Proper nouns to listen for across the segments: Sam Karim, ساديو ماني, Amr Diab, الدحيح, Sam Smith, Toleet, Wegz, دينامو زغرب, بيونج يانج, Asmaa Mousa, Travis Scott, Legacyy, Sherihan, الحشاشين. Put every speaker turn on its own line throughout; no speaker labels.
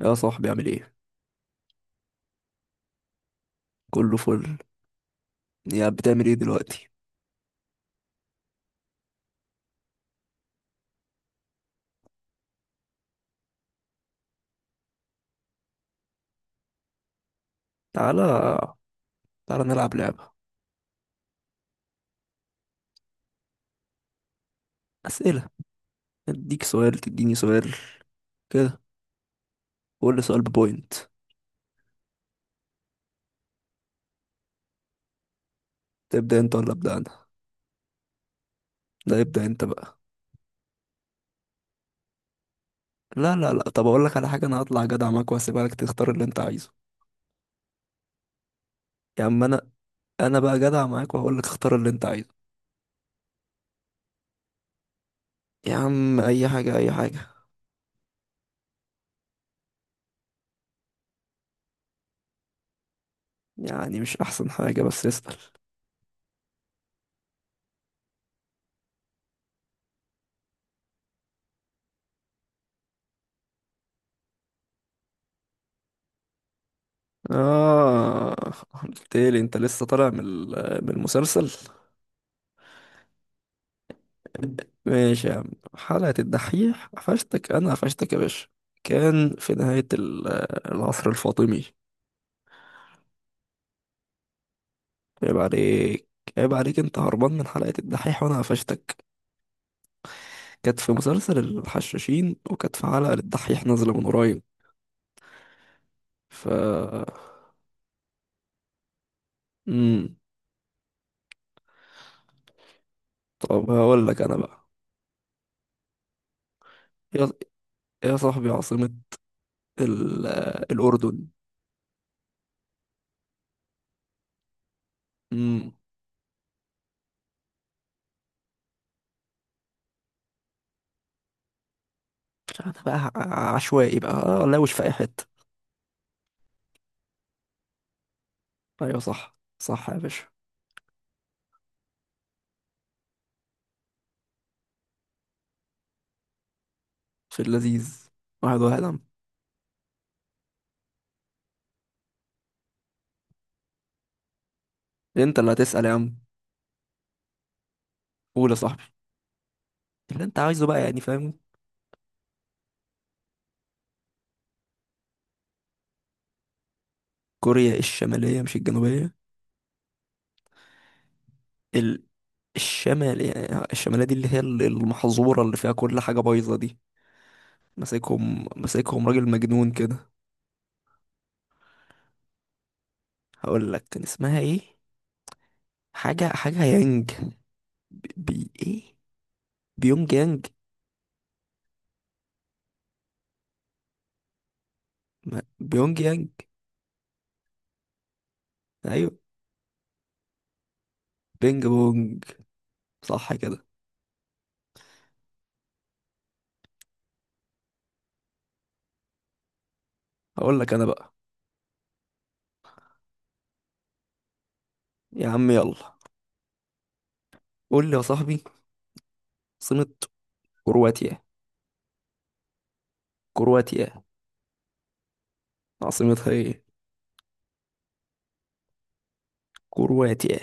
يا صاحبي، عامل ايه؟ كله فل. يا، بتعمل ايه دلوقتي؟ تعالى تعالى نلعب لعبة. أسئلة. اديك سؤال، تديني سؤال. كده. كل سؤال ببوينت. تبدأ انت ولا أبدأ انا؟ لا، ابدأ انت بقى. لا لا لا، طب اقول لك على حاجة، انا هطلع جدع معاك وهسيبها لك تختار اللي انت عايزه. يا عم انا بقى جدع معاك وهقول لك اختار اللي انت عايزه. يا عم، اي حاجة اي حاجة. يعني مش احسن حاجة، بس اسأل. اه. قلت لي انت لسه طالع من المسلسل. ماشي يا عم. حلقة الدحيح، قفشتك. أنا قفشتك يا باشا. كان في نهاية العصر الفاطمي. عيب عليك. عيب عليك، أنت هربان من حلقة الدحيح وأنا قفشتك. كانت في مسلسل الحشاشين، وكانت في حلقة للدحيح نازلة من قريب. ف مم. طب هقول لك أنا بقى. يا يا صاحبي، عاصمة ال... الأردن. مم. أنا بقى عشوائي بقى، لاوش في أي حتة. أيوة صح صح يا باشا. في اللذيذ. واحد واحد. انت اللي هتسأل يا عم. قول يا صاحبي، اللي انت عايزه بقى، يعني، فاهم؟ كوريا الشمالية مش الجنوبية؟ ال... الشمال، يعني الشمالية دي اللي هي المحظورة اللي فيها كل حاجة بايظة دي. ماسكهم ماسكهم راجل مجنون كده. هقول لك كان اسمها ايه. حاجة حاجة يانج. ايه، بيونج يانج. ما... بيونج يانج. ايوه. بينج بونج. صح كده. هقول لك انا بقى. يا عم، يلا. قول لي يا صاحبي، عاصمة كرواتيا. كرواتيا عاصمتها ايه؟ كرواتيا.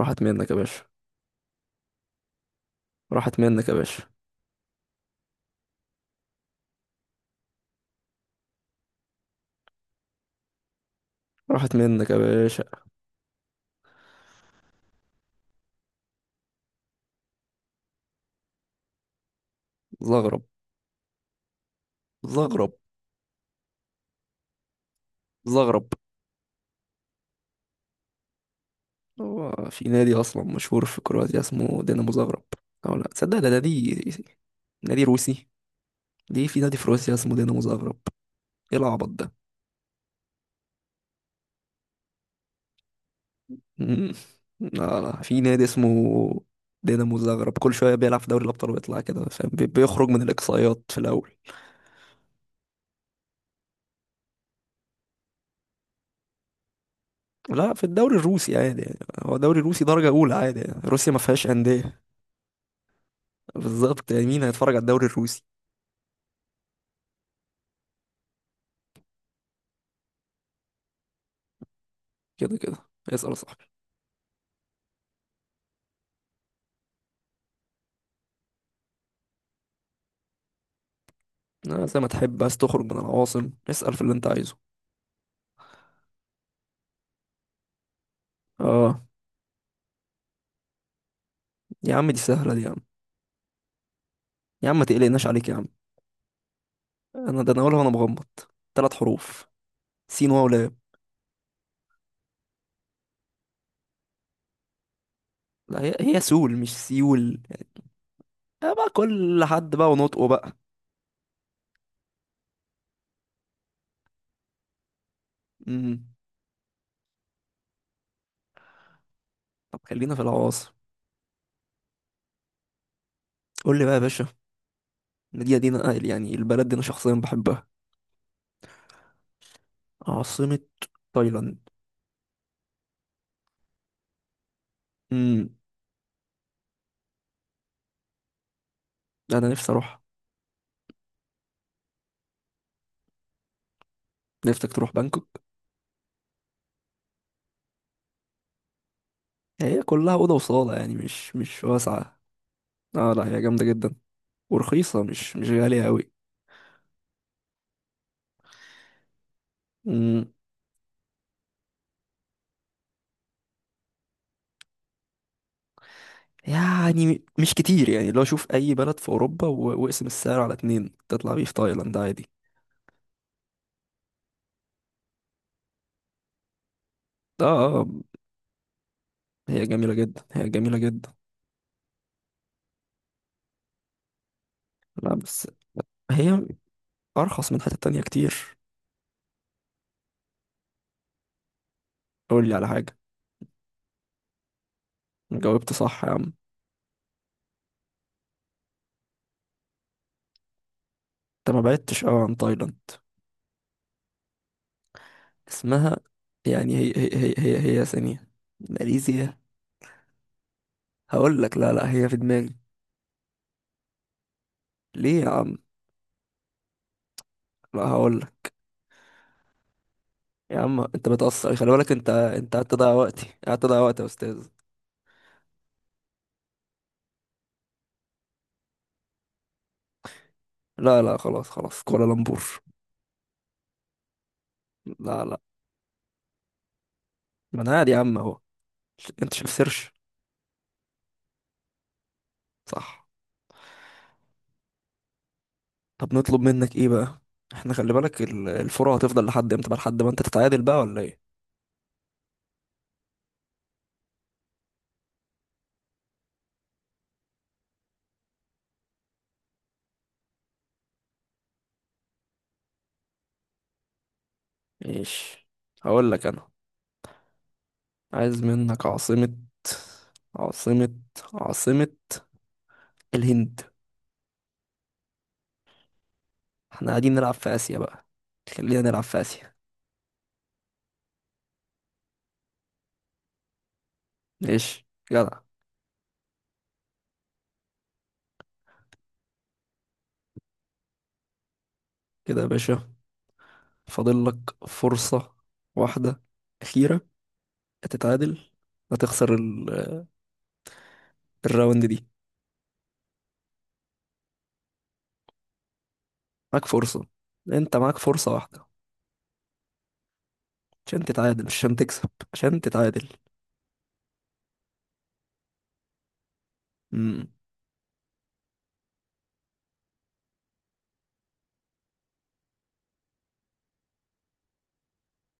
راحت منك يا باشا. راحت منك يا باشا. راحت منك يا باشا. زغرب. زغرب. زغرب. هو في نادي اصلا مشهور في كرواتيا اسمه دينامو زغرب. او لا تصدق، ده نادي. نادي روسي. ليه في نادي في روسيا اسمه دينامو زغرب؟ ايه العبط ده؟ مم. لا لا، في نادي اسمه دينامو زغرب. كل شويه بيلعب في دوري الابطال ويطلع كده، فاهم؟ بيخرج من الاقصائيات في الاول. لا، في الدوري الروسي عادي يعني. هو دوري روسي درجه اولى عادي يعني. روسيا ما فيهاش انديه. بالظبط، يعني مين هيتفرج على الدوري الروسي. كده كده. اسأل يا صاحبي. آه، زي ما تحب. عايز تخرج من العواصم، اسأل في اللي انت عايزه. اه. يا عم، دي سهلة دي يا عم. يا عم، ما تقلقناش عليك يا عم. انا ده انا اقولها وانا مغمض. 3 حروف. سول. لا، هي هي سول مش سيول. آه بقى، كل حد بقى ونطقه بقى. امم طب خلينا في العواصم. قول لي بقى يا باشا. المدينة دي انا يعني، البلد دي انا شخصيا بحبها. عاصمة تايلاند. امم انا نفسي اروح. نفسك تروح بانكوك؟ هي كلها اوضه وصاله يعني، مش واسعه. اه، لا، هي جامده جدا. ورخيصة، مش غالية أوي. مم، يعني مش كتير. يعني لو شوف أي بلد في أوروبا واقسم السعر على اتنين، تطلع بيه في تايلاند عادي. آه. آه. هي جميلة جدا، هي جميلة جدا. لا، بس هي أرخص من حتة تانية كتير. قول لي على حاجة. جاوبت صح يا عم. أنت ما بعدتش أوي عن تايلاند. اسمها، يعني هي ثانية. ماليزيا. هقول لك، لا لا، هي في دماغي. ليه يا عم؟ لا، هقول لك. يا عم، انت بتقصر، خلي بالك. انت قاعد تضيع وقتي، قاعد تضيع وقتي يا استاذ. لا لا، خلاص خلاص، كوالالمبور. لا لا. ما انا قاعد يا عم اهو. انت شايف سيرش. صح. طب نطلب منك ايه بقى؟ احنا خلي بالك، الفرع هتفضل لحد امتى بقى؟ لحد ما انت تتعادل بقى ولا ايه؟ ايش! هقول لك انا. عايز منك عاصمة. عاصمة عاصمة الهند. احنا قاعدين نلعب في اسيا بقى. خلينا نلعب في اسيا. ايش! جدع. كده يا باشا. فاضل لك فرصة واحدة أخيرة تتعادل. هتخسر الراوند دي. معاك فرصة. انت معاك فرصة واحدة، عشان تتعادل، مش عشان تكسب، عشان تتعادل. مم.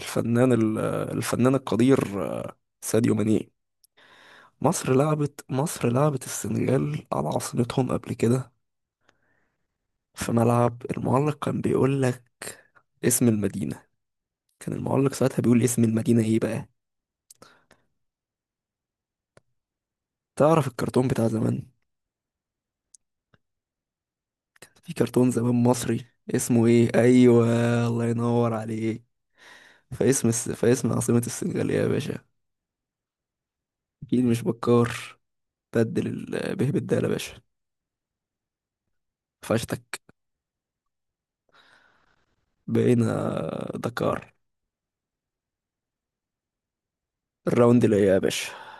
الفنان الفنان القدير ساديو ماني. مصر لعبت السنغال على عاصمتهم قبل كده. في ملعب، المعلق كان بيقول لك اسم المدينة. كان المعلق ساعتها بيقول اسم المدينة ايه بقى؟ تعرف الكرتون بتاع زمان؟ في كرتون زمان مصري، اسمه ايه؟ ايوه. الله ينور عليك. فاسم عاصمة السنغال إيه يا باشا؟ اكيد مش بكار. بدل به بالدال يا باشا. فشتك. بقينا دكار. الراوند اللي هي يا باشا.